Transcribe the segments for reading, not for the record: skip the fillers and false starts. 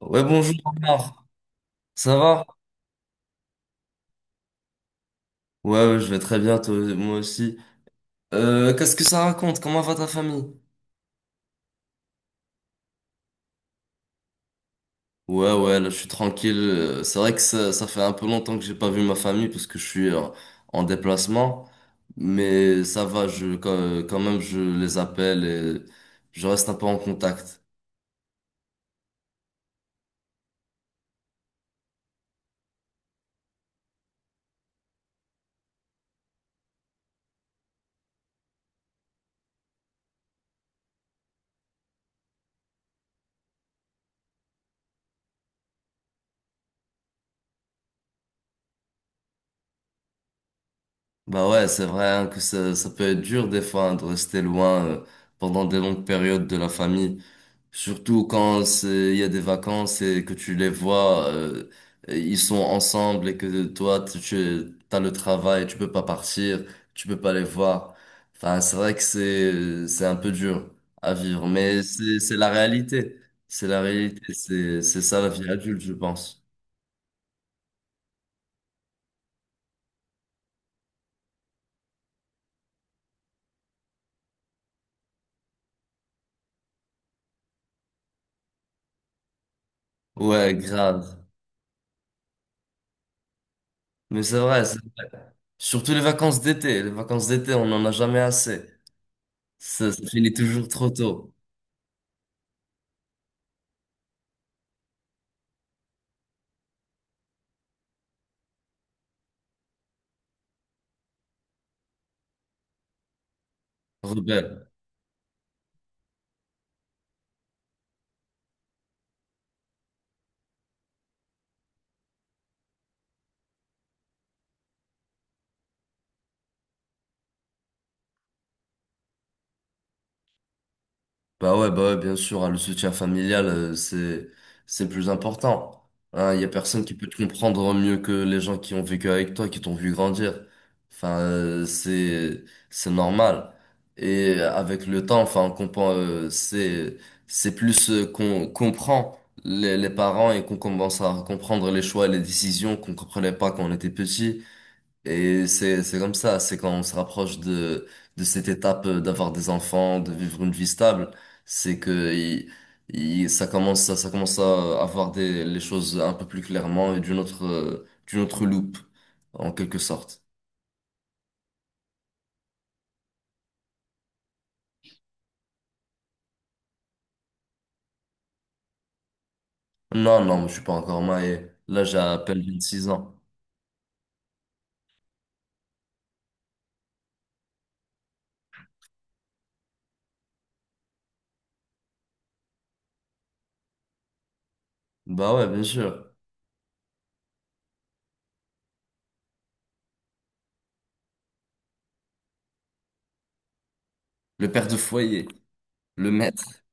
Ouais, bonjour Omar. Ça va? Ouais, ouais, je vais très bien, toi, moi aussi. Qu'est-ce que ça raconte? Comment va ta famille? Ouais, ouais, là, je suis tranquille. C'est vrai que ça fait un peu longtemps que j'ai pas vu ma famille parce que je suis en déplacement. Mais ça va, je, quand même, je les appelle et je reste un peu en contact. Bah ouais, c'est vrai hein, que ça peut être dur des fois hein, de rester loin pendant des longues périodes de la famille. Surtout quand il y a des vacances et que tu les vois, et ils sont ensemble et que toi, tu as le travail, tu peux pas partir, tu peux pas les voir. Enfin, c'est vrai que c'est un peu dur à vivre, mais c'est la réalité. C'est la réalité. C'est ça la vie adulte, je pense. Ouais, grave. Mais c'est vrai, surtout les vacances d'été. Les vacances d'été, on n'en a jamais assez. Ça finit toujours trop tôt. Rebelle. Bah ouais, bien sûr, hein, le soutien familial, c'est plus important. Hein, il y a personne qui peut te comprendre mieux que les gens qui ont vécu avec toi, qui t'ont vu grandir. Enfin, c'est normal. Et avec le temps, enfin, on comprend, c'est plus qu'on comprend les parents et qu'on commence à comprendre les choix et les décisions qu'on comprenait pas quand on était petit. Et c'est comme ça, c'est quand on se rapproche de cette étape d'avoir des enfants, de vivre une vie stable, c'est que ça commence, ça commence à avoir des, les choses un peu plus clairement et d'une autre loupe, en quelque sorte. Non, non, je suis pas encore marié. Là, j'ai à peine 26 ans. Bah ouais, bien sûr. Le père de foyer, le maître.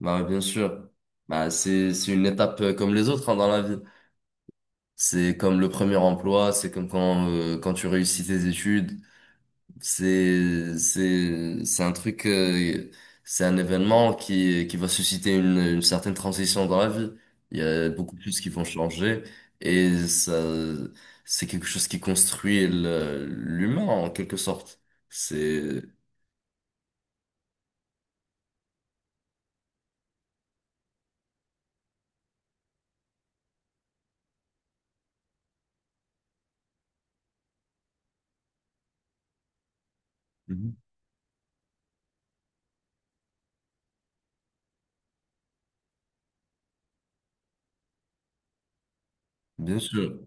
Bah ouais, bien sûr. Bah c'est une étape comme les autres, hein, dans la vie. C'est comme le premier emploi, c'est comme quand, quand tu réussis tes études. C'est un truc, c'est un événement qui va susciter une certaine transition dans la vie. Il y a beaucoup de choses qui vont changer et ça, c'est quelque chose qui construit l'humain en quelque sorte. C'est, mhm, bien sûr.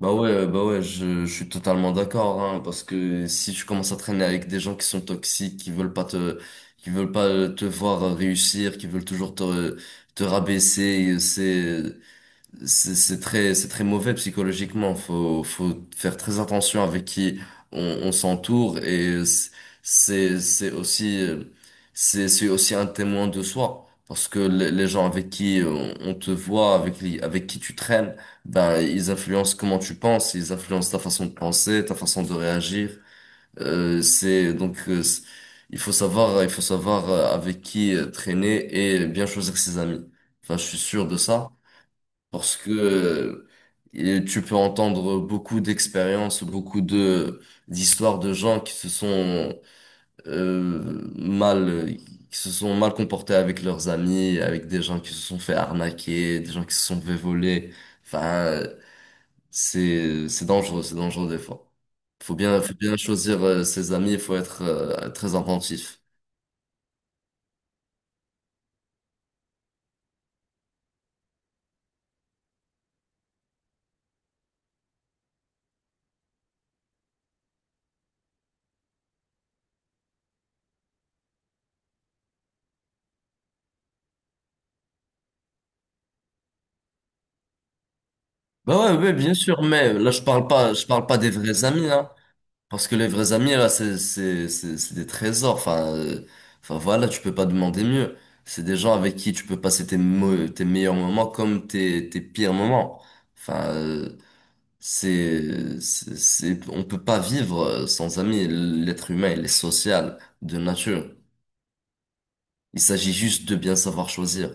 Bah ouais, je suis totalement d'accord, hein, parce que si tu commences à traîner avec des gens qui sont toxiques, qui veulent pas te voir réussir, qui veulent toujours te, te rabaisser, c'est c'est très mauvais psychologiquement. Faut faire très attention avec qui on s'entoure et c'est c'est aussi, c'est aussi un témoin de soi. Parce que les gens avec qui on te voit, avec qui tu traînes, ben, ils influencent comment tu penses, ils influencent ta façon de penser, ta façon de réagir. Euh, c'est, donc, euh, c'est- il faut savoir, il faut savoir avec qui traîner et bien choisir ses amis. Enfin, je suis sûr de ça parce que tu peux entendre beaucoup d'expériences, beaucoup de d'histoires de gens qui se sont mal qui se sont mal comportés avec leurs amis, avec des gens qui se sont fait arnaquer, des gens qui se sont fait voler. Enfin, c'est dangereux, c'est dangereux des fois. Faut bien choisir ses amis, il faut être très attentif. Bah ouais, ouais, bien sûr, mais là je parle pas des vrais amis, hein. Parce que les vrais amis, là, c'est des trésors. Enfin, voilà, tu peux pas demander mieux. C'est des gens avec qui tu peux passer tes meilleurs moments comme tes pires moments. Enfin, on peut pas vivre sans amis. L'être humain, il est social de nature. Il s'agit juste de bien savoir choisir.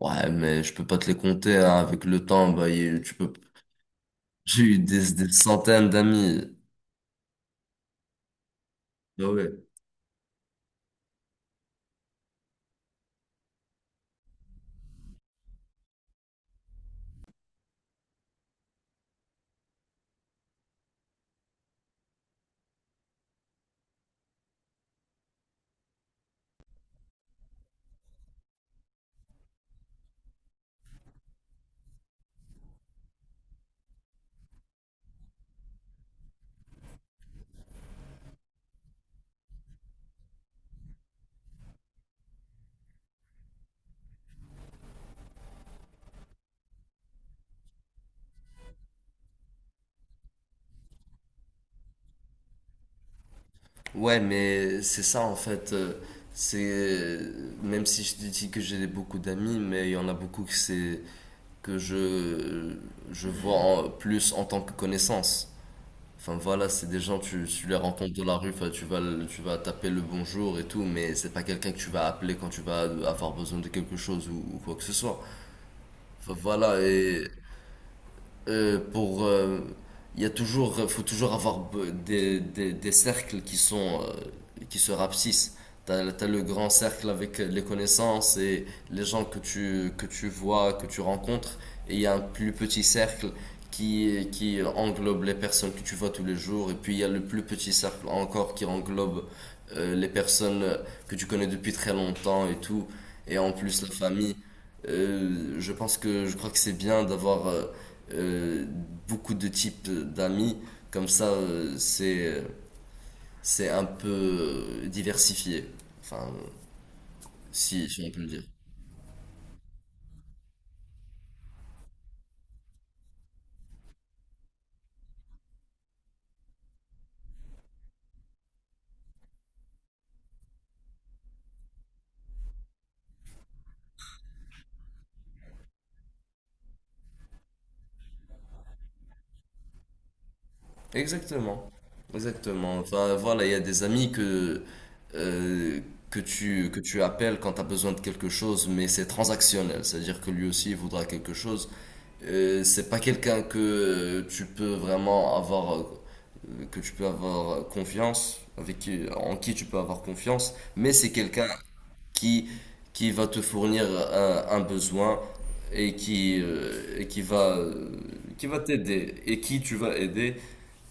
Ouais, mais je peux pas te les compter, hein. Avec le temps, bah, j'ai eu des centaines d'amis. Ah ouais. Ouais, mais c'est ça en fait. C'est Même si je te dis que j'ai beaucoup d'amis, mais il y en a beaucoup que c'est que je vois plus en tant que connaissance. Enfin voilà, c'est des gens tu les rencontres de la rue, enfin, tu vas taper le bonjour et tout, mais c'est pas quelqu'un que tu vas appeler quand tu vas avoir besoin de quelque chose ou quoi que ce soit. Enfin, voilà et pour il y a toujours faut toujours avoir des cercles qui sont qui se rapsissent t'as le grand cercle avec les connaissances et les gens que tu vois que tu rencontres et il y a un plus petit cercle qui englobe les personnes que tu vois tous les jours et puis il y a le plus petit cercle encore qui englobe les personnes que tu connais depuis très longtemps et tout et en plus la famille. Je crois que c'est bien d'avoir euh, beaucoup de types d'amis. Comme ça, c'est un peu diversifié. Enfin, si on peut le dire. Exactement. Exactement. Enfin, voilà, il y a des amis euh, que tu appelles quand tu as besoin de quelque chose, mais c'est transactionnel. C'est-à-dire que lui aussi, il voudra quelque chose. C'est pas quelqu'un que tu peux vraiment avoir, que tu peux avoir confiance, avec qui, en qui tu peux avoir confiance, mais c'est quelqu'un qui, qui va te fournir un besoin et qui va t'aider et qui tu vas aider.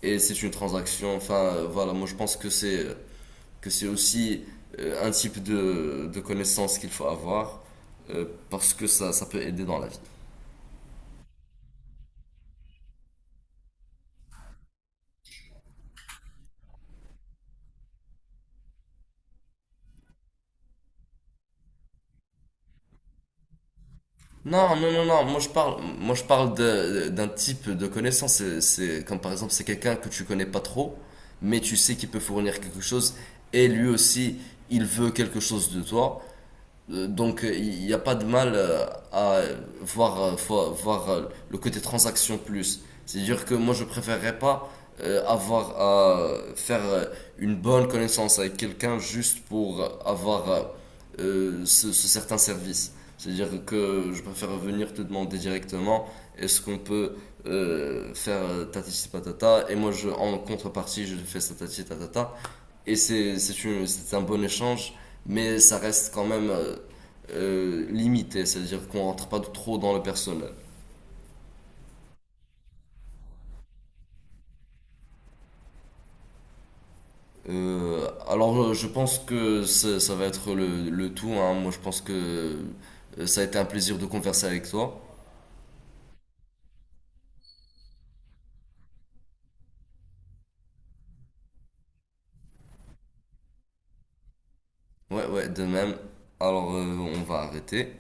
Et c'est une transaction. Enfin, voilà, moi je pense que c'est aussi un type de connaissance qu'il faut avoir euh, parce que ça peut aider dans la vie. Non, non, non, non, moi je parle d'un type de connaissance. Comme par exemple, c'est quelqu'un que tu connais pas trop, mais tu sais qu'il peut fournir quelque chose et lui aussi, il veut quelque chose de toi. Donc il n'y a pas de mal à voir, le côté transaction plus. C'est-à-dire que moi je préférerais pas avoir à faire une bonne connaissance avec quelqu'un juste pour avoir ce certain service. C'est-à-dire que je préfère venir te demander directement est-ce qu'on peut faire tatati patata et moi je, en contrepartie je fais ça tatati tatata et c'est un bon échange mais ça reste quand même limité, c'est-à-dire qu'on rentre pas trop dans le personnel. Alors je pense que ça ça va être le tout, hein. Moi je pense que ça a été un plaisir de converser avec toi. Ouais, ouais, de même. Alors on va arrêter.